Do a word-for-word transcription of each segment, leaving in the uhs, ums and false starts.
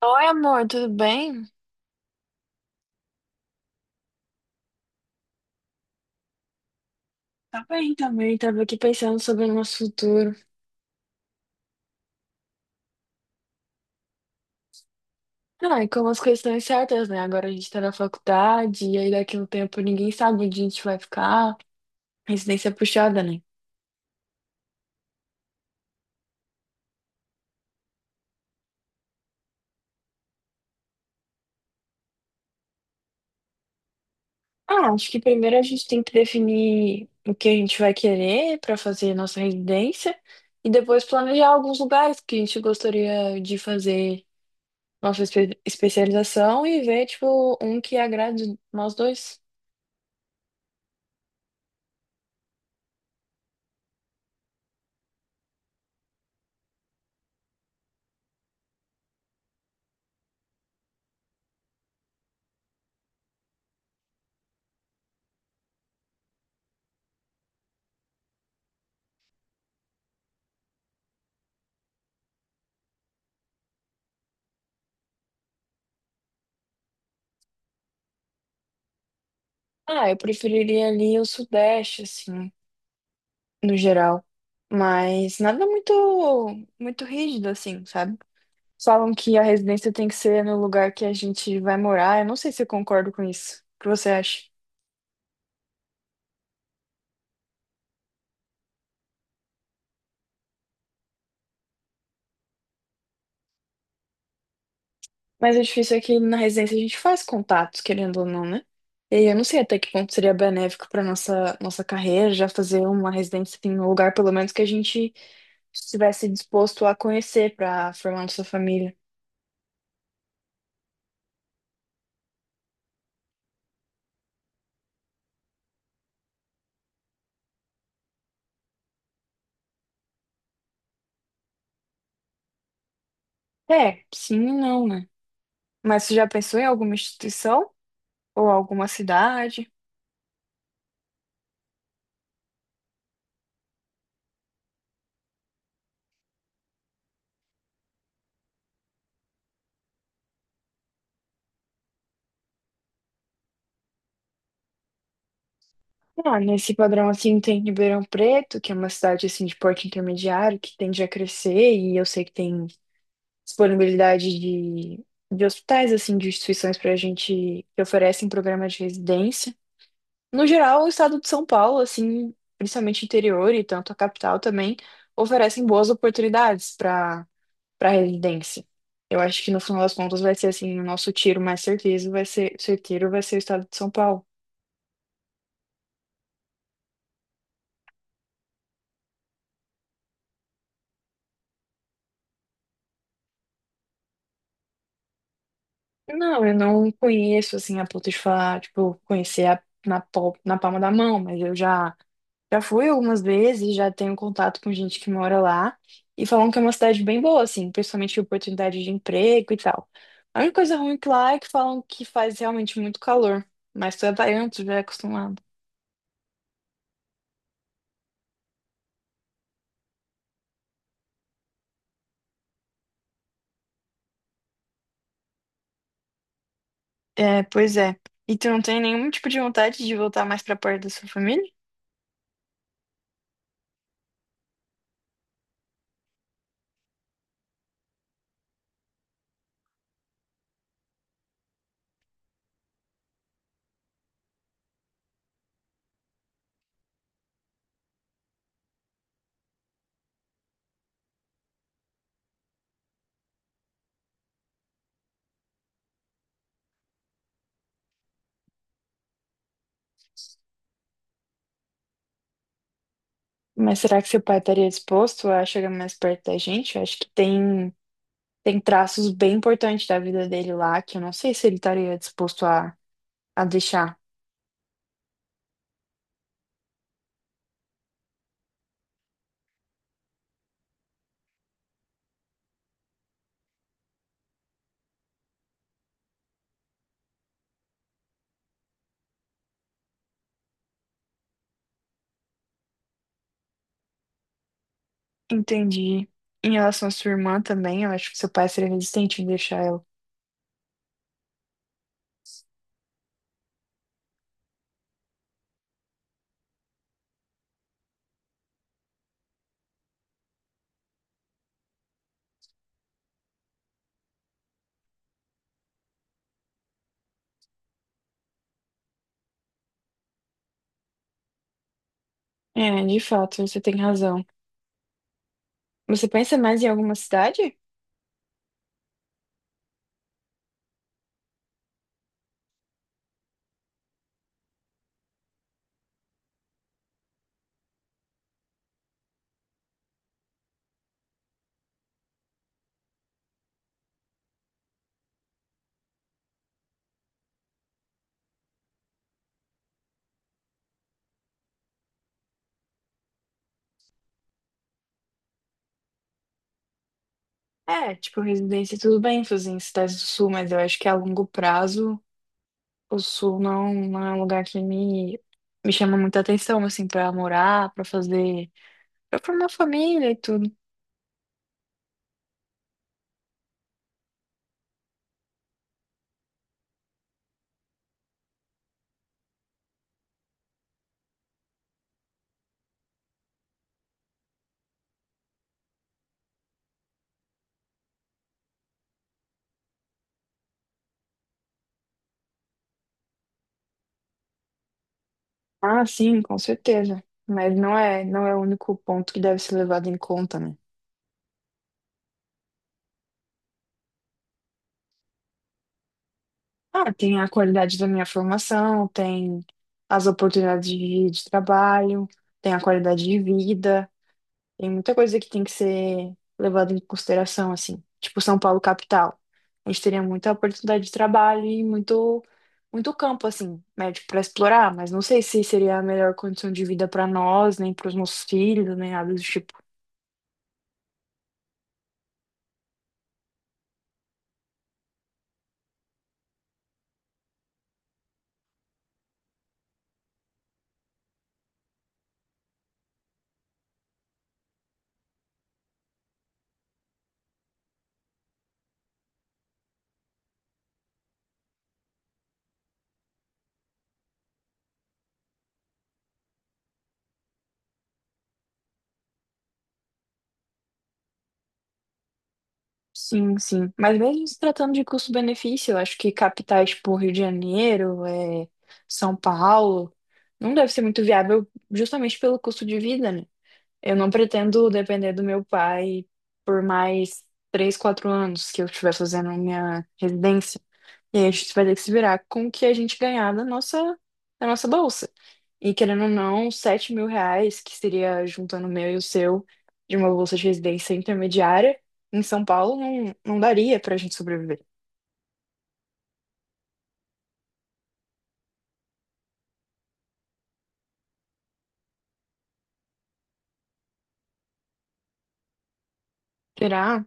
Oi, amor, tudo bem? Tá bem também, tava aqui pensando sobre o nosso futuro. Ah, e como as coisas estão incertas, né? Agora a gente tá na faculdade, e aí daqui a um tempo ninguém sabe onde a gente vai ficar. Residência puxada, né? Ah, acho que primeiro a gente tem que definir o que a gente vai querer pra fazer nossa residência e depois planejar alguns lugares que a gente gostaria de fazer nossa espe- especialização e ver, tipo, um que agrade nós dois. Ah, eu preferiria ali o Sudeste, assim, no geral, mas nada muito muito rígido assim, sabe? Falam que a residência tem que ser no lugar que a gente vai morar. Eu não sei se eu concordo com isso. O que você acha? Mas o difícil é que na residência a gente faz contatos, querendo ou não, né? E aí eu não sei até que ponto seria benéfico para nossa nossa carreira já fazer uma residência em um lugar pelo menos que a gente estivesse disposto a conhecer para formar nossa família. É, sim e não, né? Mas você já pensou em alguma instituição ou alguma cidade? Ah, nesse padrão assim tem Ribeirão Preto, que é uma cidade assim de porte intermediário, que tende a crescer, e eu sei que tem disponibilidade de, de hospitais, assim, de instituições para a gente que oferecem programa de residência. No geral, o estado de São Paulo, assim, principalmente interior e tanto a capital também, oferecem boas oportunidades para para residência. Eu acho que no final das contas vai ser assim, o nosso tiro mais certeiro vai ser certeiro vai ser o estado de São Paulo. Não, eu não conheço assim a ponto de falar, tipo, conhecer a- na, pal- na palma da mão, mas eu já já fui algumas vezes, já tenho contato com gente que mora lá e falam que é uma cidade bem boa, assim, principalmente oportunidade de emprego e tal. A única coisa ruim que lá é que falam que faz realmente muito calor, mas tu é baiano, tu já é acostumado. É, pois é. E tu não tem nenhum tipo de vontade de voltar mais pra perto da sua família? Mas será que seu pai estaria disposto a chegar mais perto da gente? Eu acho que tem. Tem traços bem importantes da vida dele lá, que eu não sei se ele estaria disposto a, a deixar. Entendi. Em relação à sua irmã também, eu acho que seu pai seria resistente em deixar ela. É, de fato, você tem razão. Você pensa mais em alguma cidade? É, tipo, residência, tudo bem fazer em cidades do sul, mas eu acho que a longo prazo o sul não, não é um lugar que me, me chama muita atenção, assim, pra morar, pra fazer, pra formar família e tudo. Ah, sim, com certeza. Mas não é, não é o único ponto que deve ser levado em conta, né? Ah, tem a qualidade da minha formação, tem as oportunidades de, de trabalho, tem a qualidade de vida, tem muita coisa que tem que ser levada em consideração, assim. Tipo São Paulo capital. A gente teria muita oportunidade de trabalho e muito, muito campo, assim, médico para explorar, mas não sei se seria a melhor condição de vida para nós, nem para os nossos filhos, nem nada do tipo. Sim, sim. Mas mesmo se tratando de custo-benefício, eu acho que capitais tipo Rio de Janeiro, é, São Paulo, não deve ser muito viável justamente pelo custo de vida, né? Eu não pretendo depender do meu pai por mais três, quatro anos que eu estiver fazendo minha residência. E aí a gente vai ter que se virar com o que a gente ganhar da nossa, da nossa bolsa. E querendo ou não, sete mil reais, que seria juntando o meu e o seu, de uma bolsa de residência intermediária, em São Paulo, não, não daria pra gente sobreviver. Será?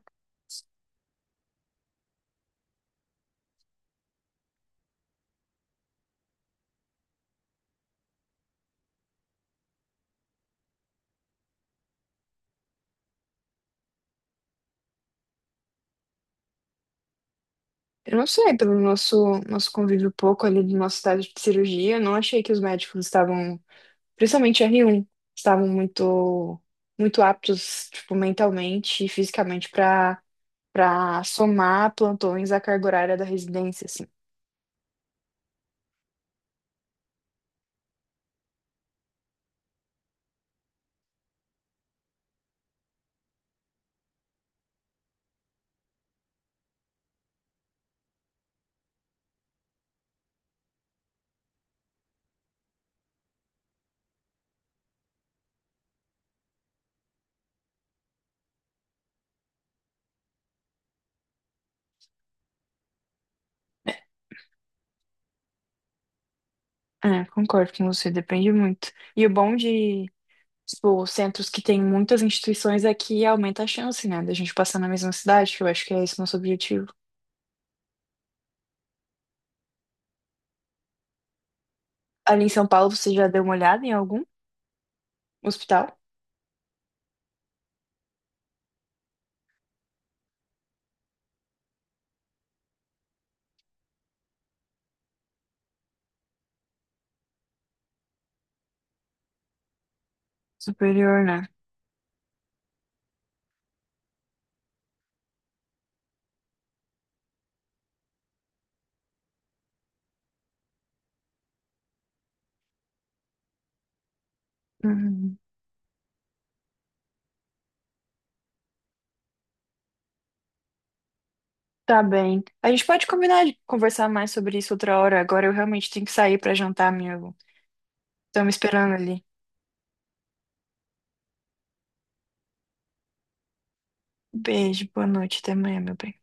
Eu não sei, pelo nosso, nosso convívio pouco ali do nosso estágio de cirurgia, eu não achei que os médicos estavam, principalmente r um estavam muito, muito aptos, tipo, mentalmente e fisicamente para para somar plantões à carga horária da residência, assim. É, concordo com você, depende muito. E o bom de, tipo, centros que tem muitas instituições é que aumenta a chance, né, da gente passar na mesma cidade, que eu acho que é esse nosso objetivo. Ali em São Paulo, você já deu uma olhada em algum hospital? Superior, né? Uhum. Tá bem. A gente pode combinar de conversar mais sobre isso outra hora. Agora eu realmente tenho que sair pra jantar, amigo. Estão me esperando ali. Beijo, boa noite, até amanhã, meu bem.